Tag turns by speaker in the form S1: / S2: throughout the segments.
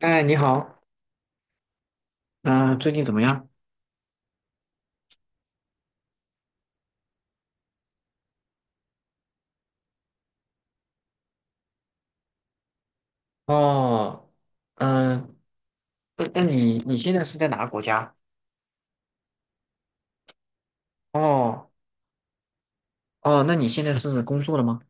S1: 哎，你好。嗯、最近怎么样？哦。嗯、那你现在是在哪个国家？哦哦，那你现在是工作了吗？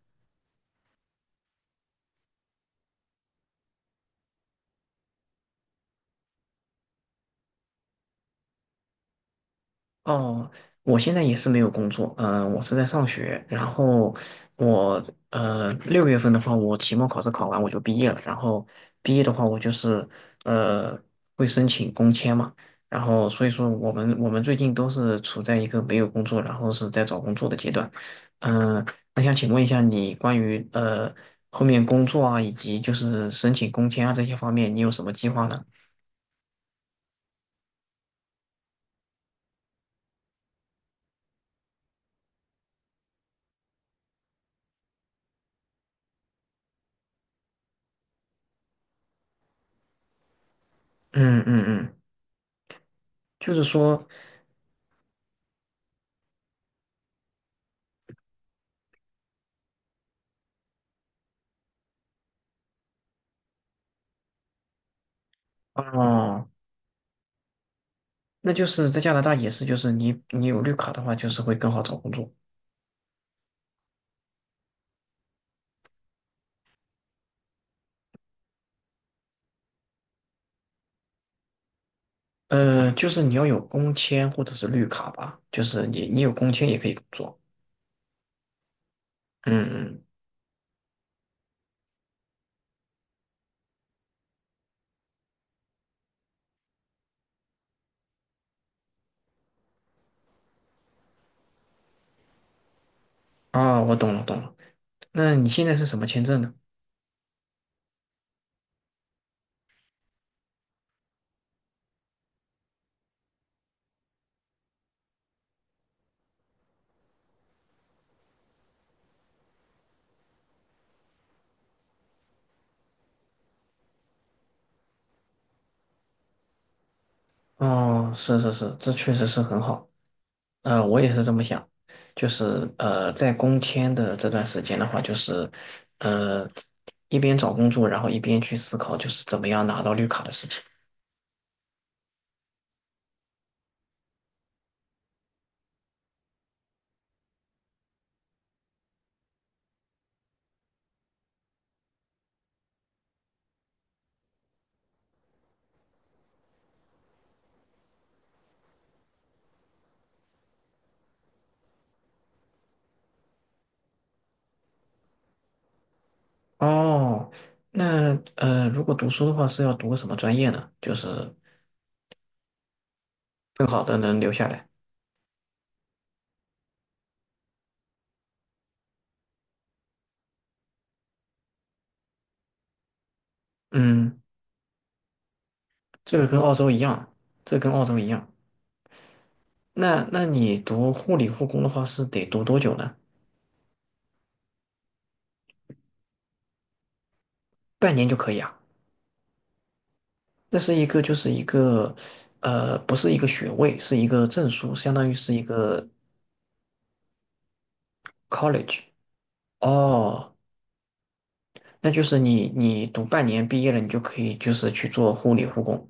S1: 哦，我现在也是没有工作。嗯、我是在上学，然后我六月份的话，我期末考试考完我就毕业了，然后毕业的话，我就是呃会申请工签嘛，然后所以说我们最近都是处在一个没有工作，然后是在找工作的阶段。嗯、那想请问一下你关于后面工作啊，以及就是申请工签啊这些方面，你有什么计划呢？嗯嗯嗯。就是说，哦。那就是在加拿大也是，就是你有绿卡的话，就是会更好找工作。呃，就是你要有工签或者是绿卡吧，就是你有工签也可以做。嗯嗯。啊，我懂了懂了。那你现在是什么签证呢？哦，是是是，这确实是很好。呃，我也是这么想，就是呃，在工签的这段时间的话，就是呃，一边找工作，然后一边去思考，就是怎么样拿到绿卡的事情。哦，那呃，如果读书的话是要读个什么专业呢？就是更好的能留下来。嗯，这个跟澳洲一样，这跟澳洲一样。那你读护理护工的话是得读多久呢？半年就可以啊。那是一个就是一个，呃，不是一个学位，是一个证书，相当于是一个 college。哦，那就是你读半年毕业了，你就可以就是去做护理护工。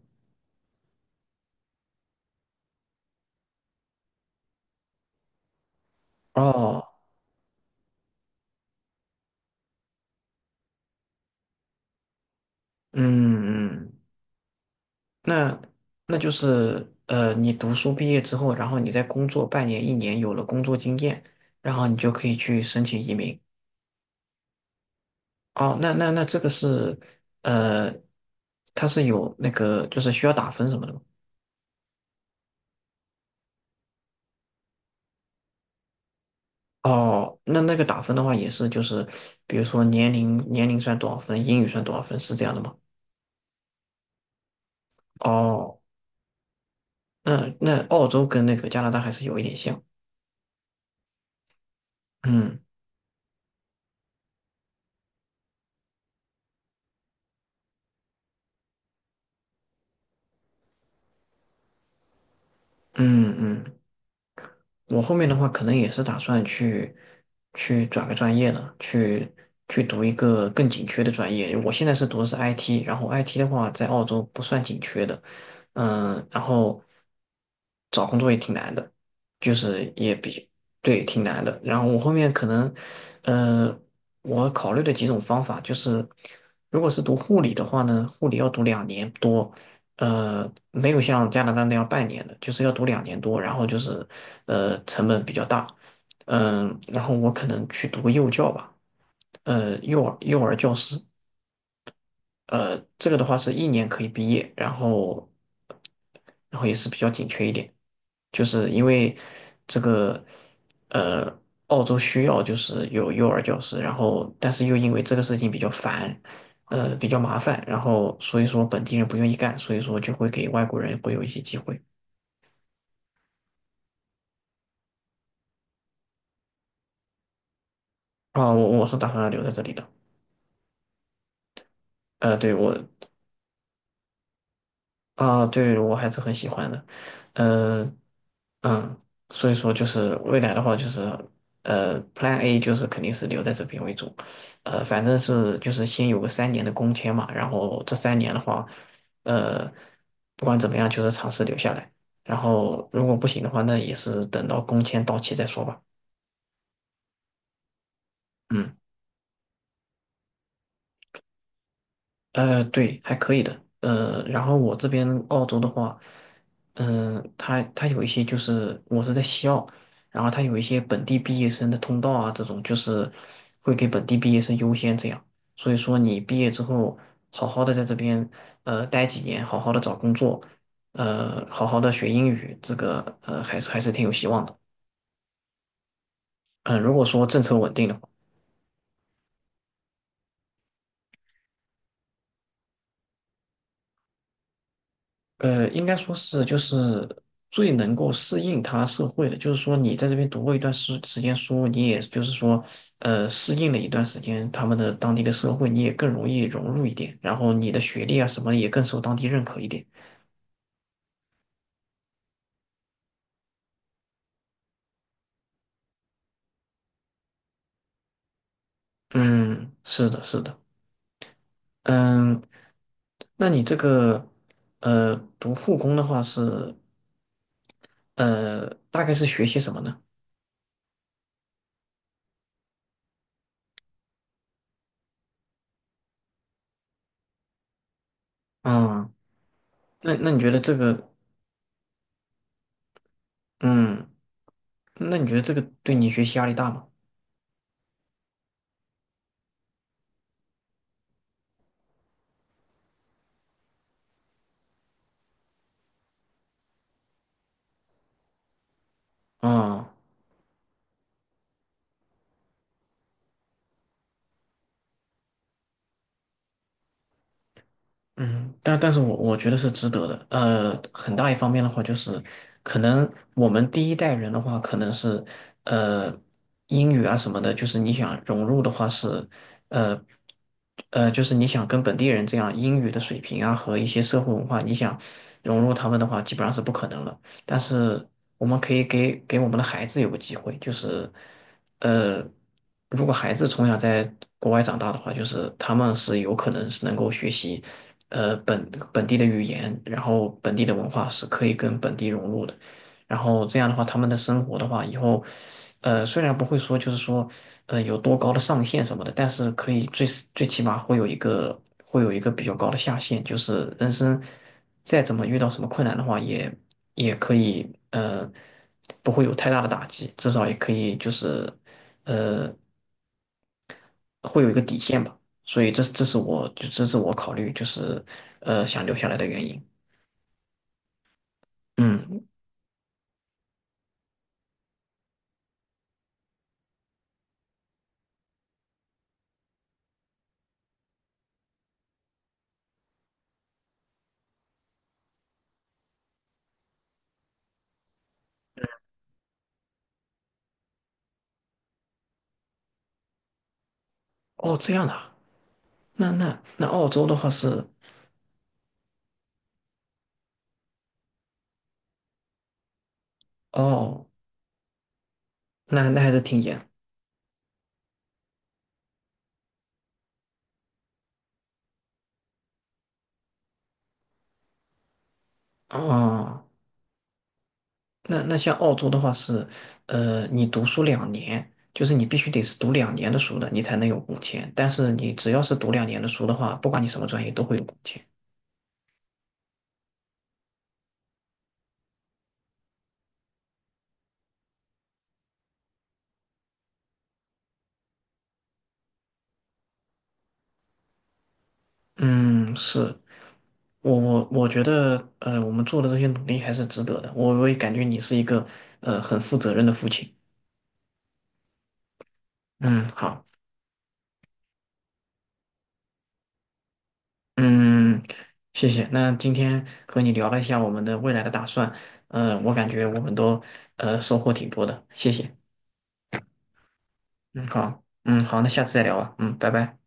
S1: 哦，嗯嗯。那那就是呃，你读书毕业之后，然后你在工作半年、一年，有了工作经验，然后你就可以去申请移民。哦，那那那这个是呃，它是有那个就是需要打分什么的吗？哦，那那个打分的话也是就是，比如说年龄算多少分，英语算多少分，是这样的吗？哦，那那澳洲跟那个加拿大还是有一点像。嗯嗯嗯。我后面的话可能也是打算去去转个专业了，去去读一个更紧缺的专业。我现在是读的是 IT，然后 IT 的话在澳洲不算紧缺的。嗯，然后找工作也挺难的，就是也比对挺难的。然后我后面可能，呃，我考虑的几种方法就是，如果是读护理的话呢，护理要读两年多，呃，没有像加拿大那样半年的，就是要读两年多，然后就是，呃，成本比较大。然后我可能去读幼教吧，呃，幼儿教师，呃，这个的话是一年可以毕业，然后然后也是比较紧缺一点，就是因为这个呃，澳洲需要就是有幼儿教师，然后但是又因为这个事情比较烦，呃，比较麻烦，然后所以说本地人不愿意干，所以说就会给外国人会有一些机会。啊，我我是打算留在这里的，呃，对我啊，对，我还是很喜欢的，呃，嗯，所以说就是未来的话，就是呃，Plan A 就是肯定是留在这边为主，呃，反正是就是先有个三年的工签嘛，然后这三年的话，呃，不管怎么样，就是尝试留下来，然后如果不行的话，那也是等到工签到期再说吧。嗯。呃，对，还可以的。呃，然后我这边澳洲的话，它有一些就是我是在西澳，然后它有一些本地毕业生的通道啊，这种就是会给本地毕业生优先这样。所以说你毕业之后，好好的在这边呃待几年，好好的找工作，呃，好好的学英语，这个呃还是还是挺有希望的。嗯、如果说政策稳定的话。呃，应该说是就是最能够适应他社会的，就是说你在这边读过一段时间书，你也就是说，呃，适应了一段时间他们的当地的社会，你也更容易融入一点，然后你的学历啊什么也更受当地认可一点。嗯，是的，是的。嗯，那你这个呃读护工的话是呃大概是学些什么呢？嗯，那那你觉得这个嗯，那你觉得这个对你学习压力大吗？嗯。嗯，但但是我觉得是值得的。呃，很大一方面的话，就是可能我们第一代人的话，可能是呃英语啊什么的，就是你想融入的话是呃呃，就是你想跟本地人这样英语的水平啊和一些社会文化，你想融入他们的话，基本上是不可能了。但是我们可以给我们的孩子有个机会，就是呃，如果孩子从小在国外长大的话，就是他们是有可能是能够学习。呃本地的语言，然后本地的文化是可以跟本地融入的。然后这样的话，他们的生活的话，以后，呃，虽然不会说就是说，呃，有多高的上限什么的，但是可以最最起码会有一个会有一个比较高的下限，就是人生再怎么遇到什么困难的话，也也可以呃不会有太大的打击，至少也可以就是呃会有一个底线吧。所以这是我就这是我考虑就是呃想留下来的原因。嗯，哦，这样的啊，那那那澳洲的话是，哦，那那还是挺严哦。那那像澳洲的话是，呃，你读书两年，就是你必须得是读两年的书的，你才能有工签。但是你只要是读两年的书的话，不管你什么专业都会有工签。嗯，是我觉得，呃，我们做的这些努力还是值得的。我也感觉你是一个，呃，很负责任的父亲。嗯，好。嗯，谢谢。那今天和你聊了一下我们的未来的打算，呃，我感觉我们都呃收获挺多的，谢谢。嗯，好，嗯，好，那下次再聊吧。嗯，拜拜。